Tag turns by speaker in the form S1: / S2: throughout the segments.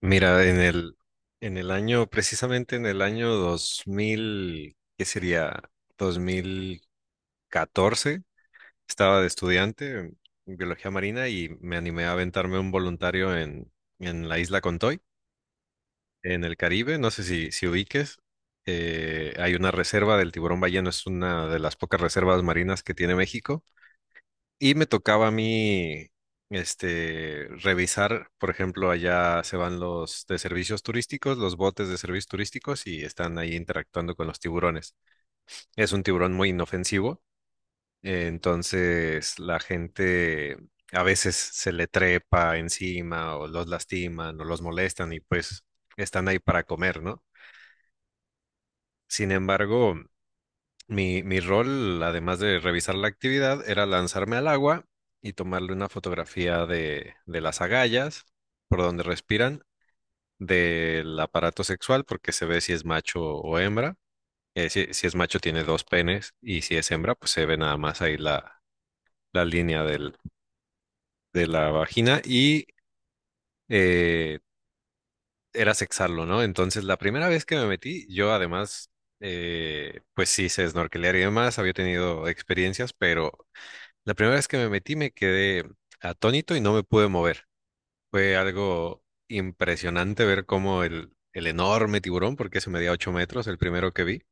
S1: Mira, en el año, precisamente en el año 2000, ¿qué sería? 2014, estaba de estudiante en biología marina y me animé a aventarme un voluntario en la isla Contoy, en el Caribe, no sé si ubiques. Hay una reserva del tiburón ballena. Es una de las pocas reservas marinas que tiene México y me tocaba a mí, este, revisar, por ejemplo, allá se van los de servicios turísticos, los botes de servicios turísticos y están ahí interactuando con los tiburones. Es un tiburón muy inofensivo. Entonces la gente a veces se le trepa encima o los lastiman o los molestan y pues están ahí para comer, ¿no? Sin embargo, mi rol, además de revisar la actividad, era lanzarme al agua y tomarle una fotografía de, las agallas, por donde respiran, del aparato sexual, porque se ve si es macho o hembra. Si es macho, tiene dos penes, y si es hembra, pues se ve nada más ahí la línea de la vagina y eh, era sexarlo, ¿no? Entonces, la primera vez que me metí, yo además, pues sí sé snorkelear y demás, había tenido experiencias, pero la primera vez que me metí me quedé atónito y no me pude mover. Fue algo impresionante ver cómo el enorme tiburón, porque eso medía 8 metros, el primero que vi,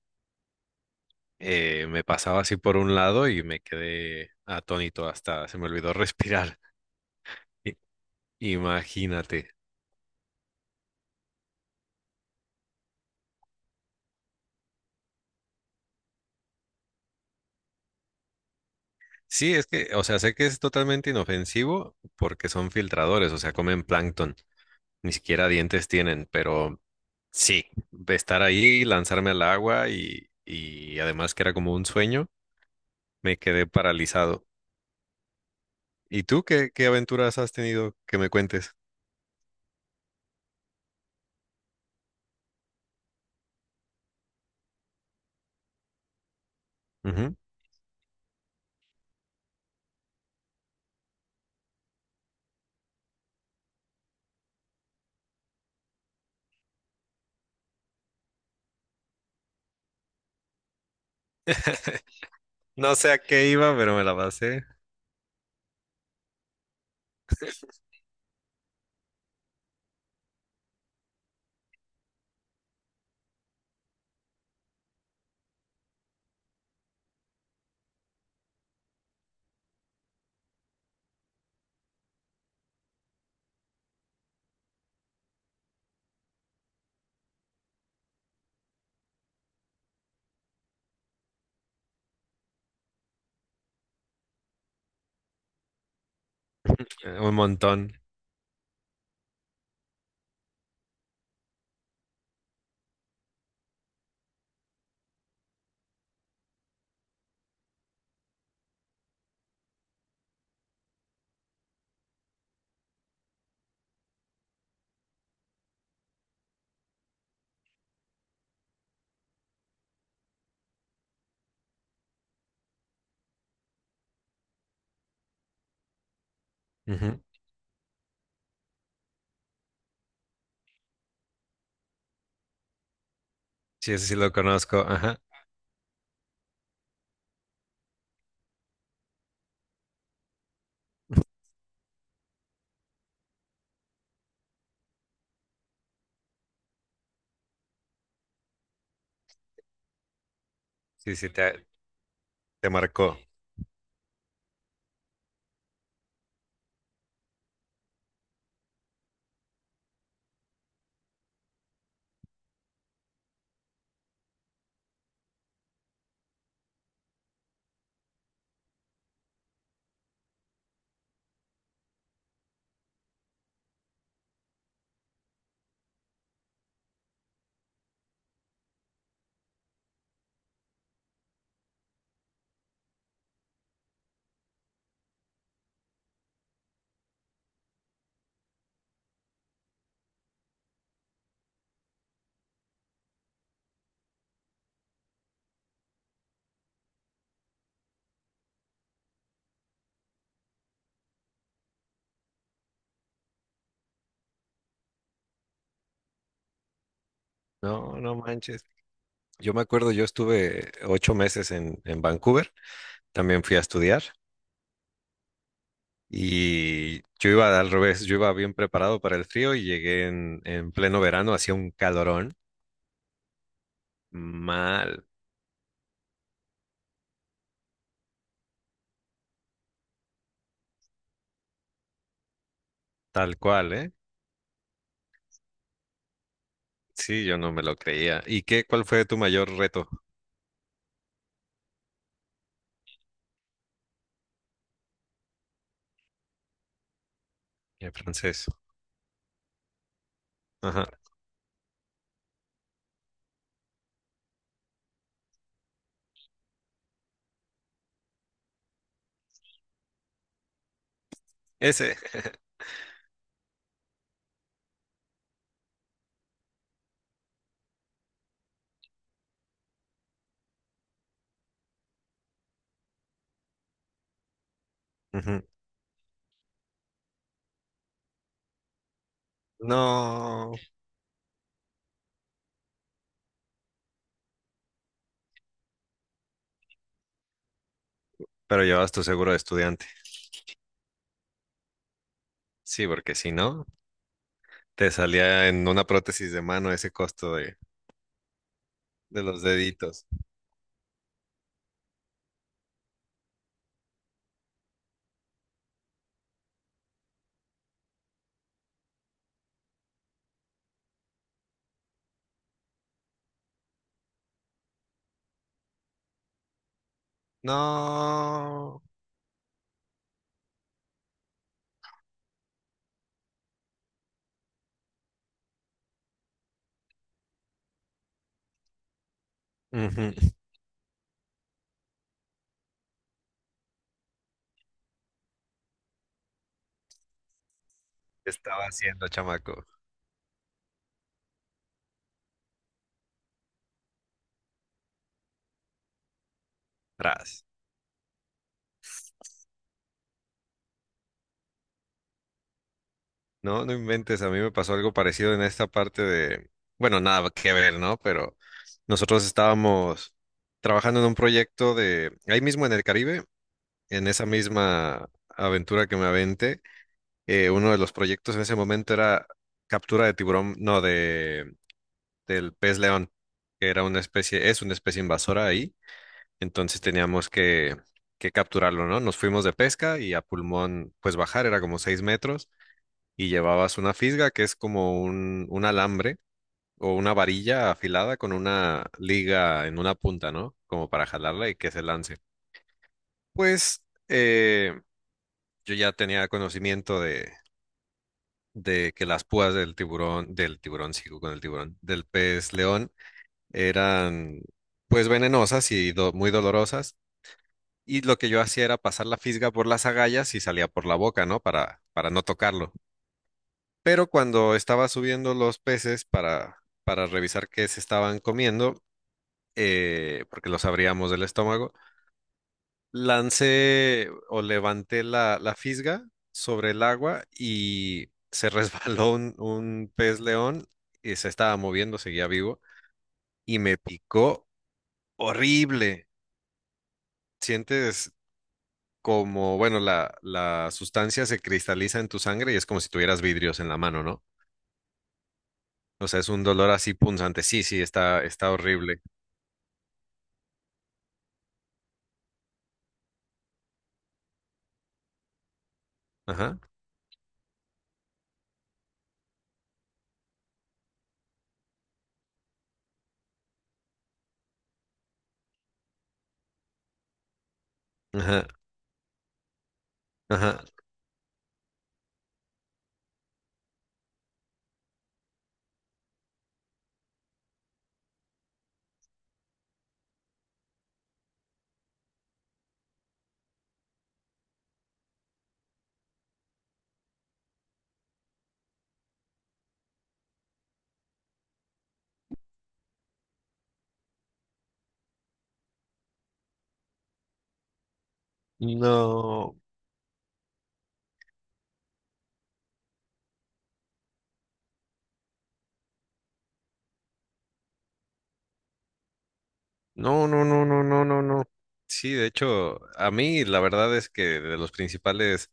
S1: me pasaba así por un lado y me quedé atónito hasta se me olvidó respirar. I- Imagínate. Sí, es que, o sea, sé que es totalmente inofensivo porque son filtradores, o sea, comen plancton, ni siquiera dientes tienen, pero sí, de estar ahí, lanzarme al agua y además que era como un sueño. Me quedé paralizado. ¿Y tú qué, aventuras has tenido que me cuentes? Ujú. No sé a qué iba, pero me la pasé un montón. Ujú. Sí, ese sí lo conozco. Ajá. Sí, sí, te, marcó. No, no manches. Yo me acuerdo, yo estuve 8 meses en Vancouver, también fui a estudiar y yo iba al revés, yo iba bien preparado para el frío y llegué en pleno verano, hacía un calorón mal, tal cual, ¿eh? Sí, yo no me lo creía. ¿Y qué, cuál fue tu mayor reto? El francés. Ajá. Ese. Ujú. No, pero llevabas tu seguro de estudiante. Sí, porque si no, te salía en una prótesis de mano ese costo de los deditos. No. Ujú. ¿Qué estaba haciendo, chamaco? Tras. No, no inventes. A mí me pasó algo parecido en esta parte de, bueno, nada que ver, ¿no? Pero nosotros estábamos trabajando en un proyecto de, ahí mismo en el Caribe, en esa misma aventura que me aventé. Uno de los proyectos en ese momento era captura de tiburón, no, de del pez león, que era una especie, es una especie invasora ahí, entonces teníamos que, capturarlo, ¿no? Nos fuimos de pesca y a pulmón, pues bajar era como 6 metros y llevabas una fisga que es como un alambre o una varilla afilada con una liga en una punta, ¿no? Como para jalarla y que se lance. Pues eh, yo ya tenía conocimiento de que las púas del tiburón, sigo con el tiburón, del pez león eran pues venenosas y muy dolorosas. Y lo que yo hacía era pasar la fisga por las agallas y salía por la boca, ¿no? Para no tocarlo. Pero cuando estaba subiendo los peces para, revisar qué se estaban comiendo, porque los abríamos del estómago, lancé o levanté la, fisga sobre el agua y se resbaló un pez león y se estaba moviendo, seguía vivo y me picó horrible. Sientes como, bueno, la sustancia se cristaliza en tu sangre y es como si tuvieras vidrios en la mano, ¿no? O sea, es un dolor así punzante. Sí, sí, está horrible. Ajá, ajá, ajá. No. No, no, no, no, no, no, no. Sí, de hecho, a mí la verdad es que de los principales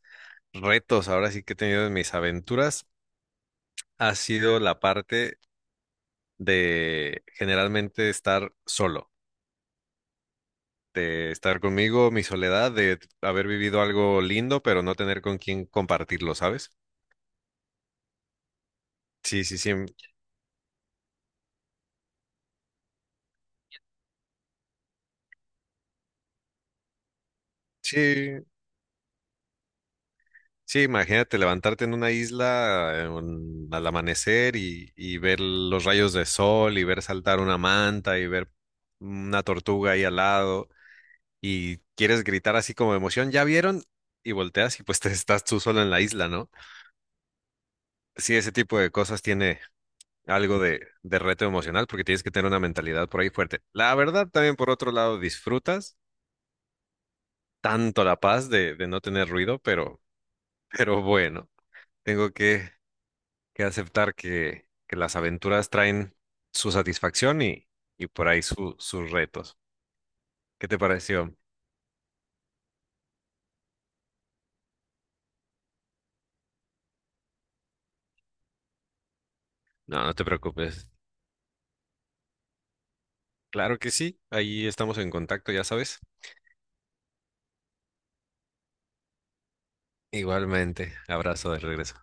S1: retos ahora sí que he tenido en mis aventuras ha sido la parte de generalmente estar solo, de estar conmigo, mi soledad, de haber vivido algo lindo, pero no tener con quién compartirlo, ¿sabes? Sí, sí, sí. Sí, sí, imagínate levantarte en una isla al amanecer y, ver los rayos de sol y ver saltar una manta y ver una tortuga ahí al lado y quieres gritar así como de emoción, ¿ya vieron? Y volteas y pues te estás tú solo en la isla, ¿no? Sí, ese tipo de cosas tiene algo de, reto emocional porque tienes que tener una mentalidad por ahí fuerte. La verdad, también por otro lado, disfrutas tanto la paz de, no tener ruido, pero bueno, tengo que aceptar que, las aventuras traen su satisfacción y por ahí sus retos. ¿Qué te pareció? No, no te preocupes. Claro que sí, ahí estamos en contacto, ya sabes. Igualmente, abrazo de regreso.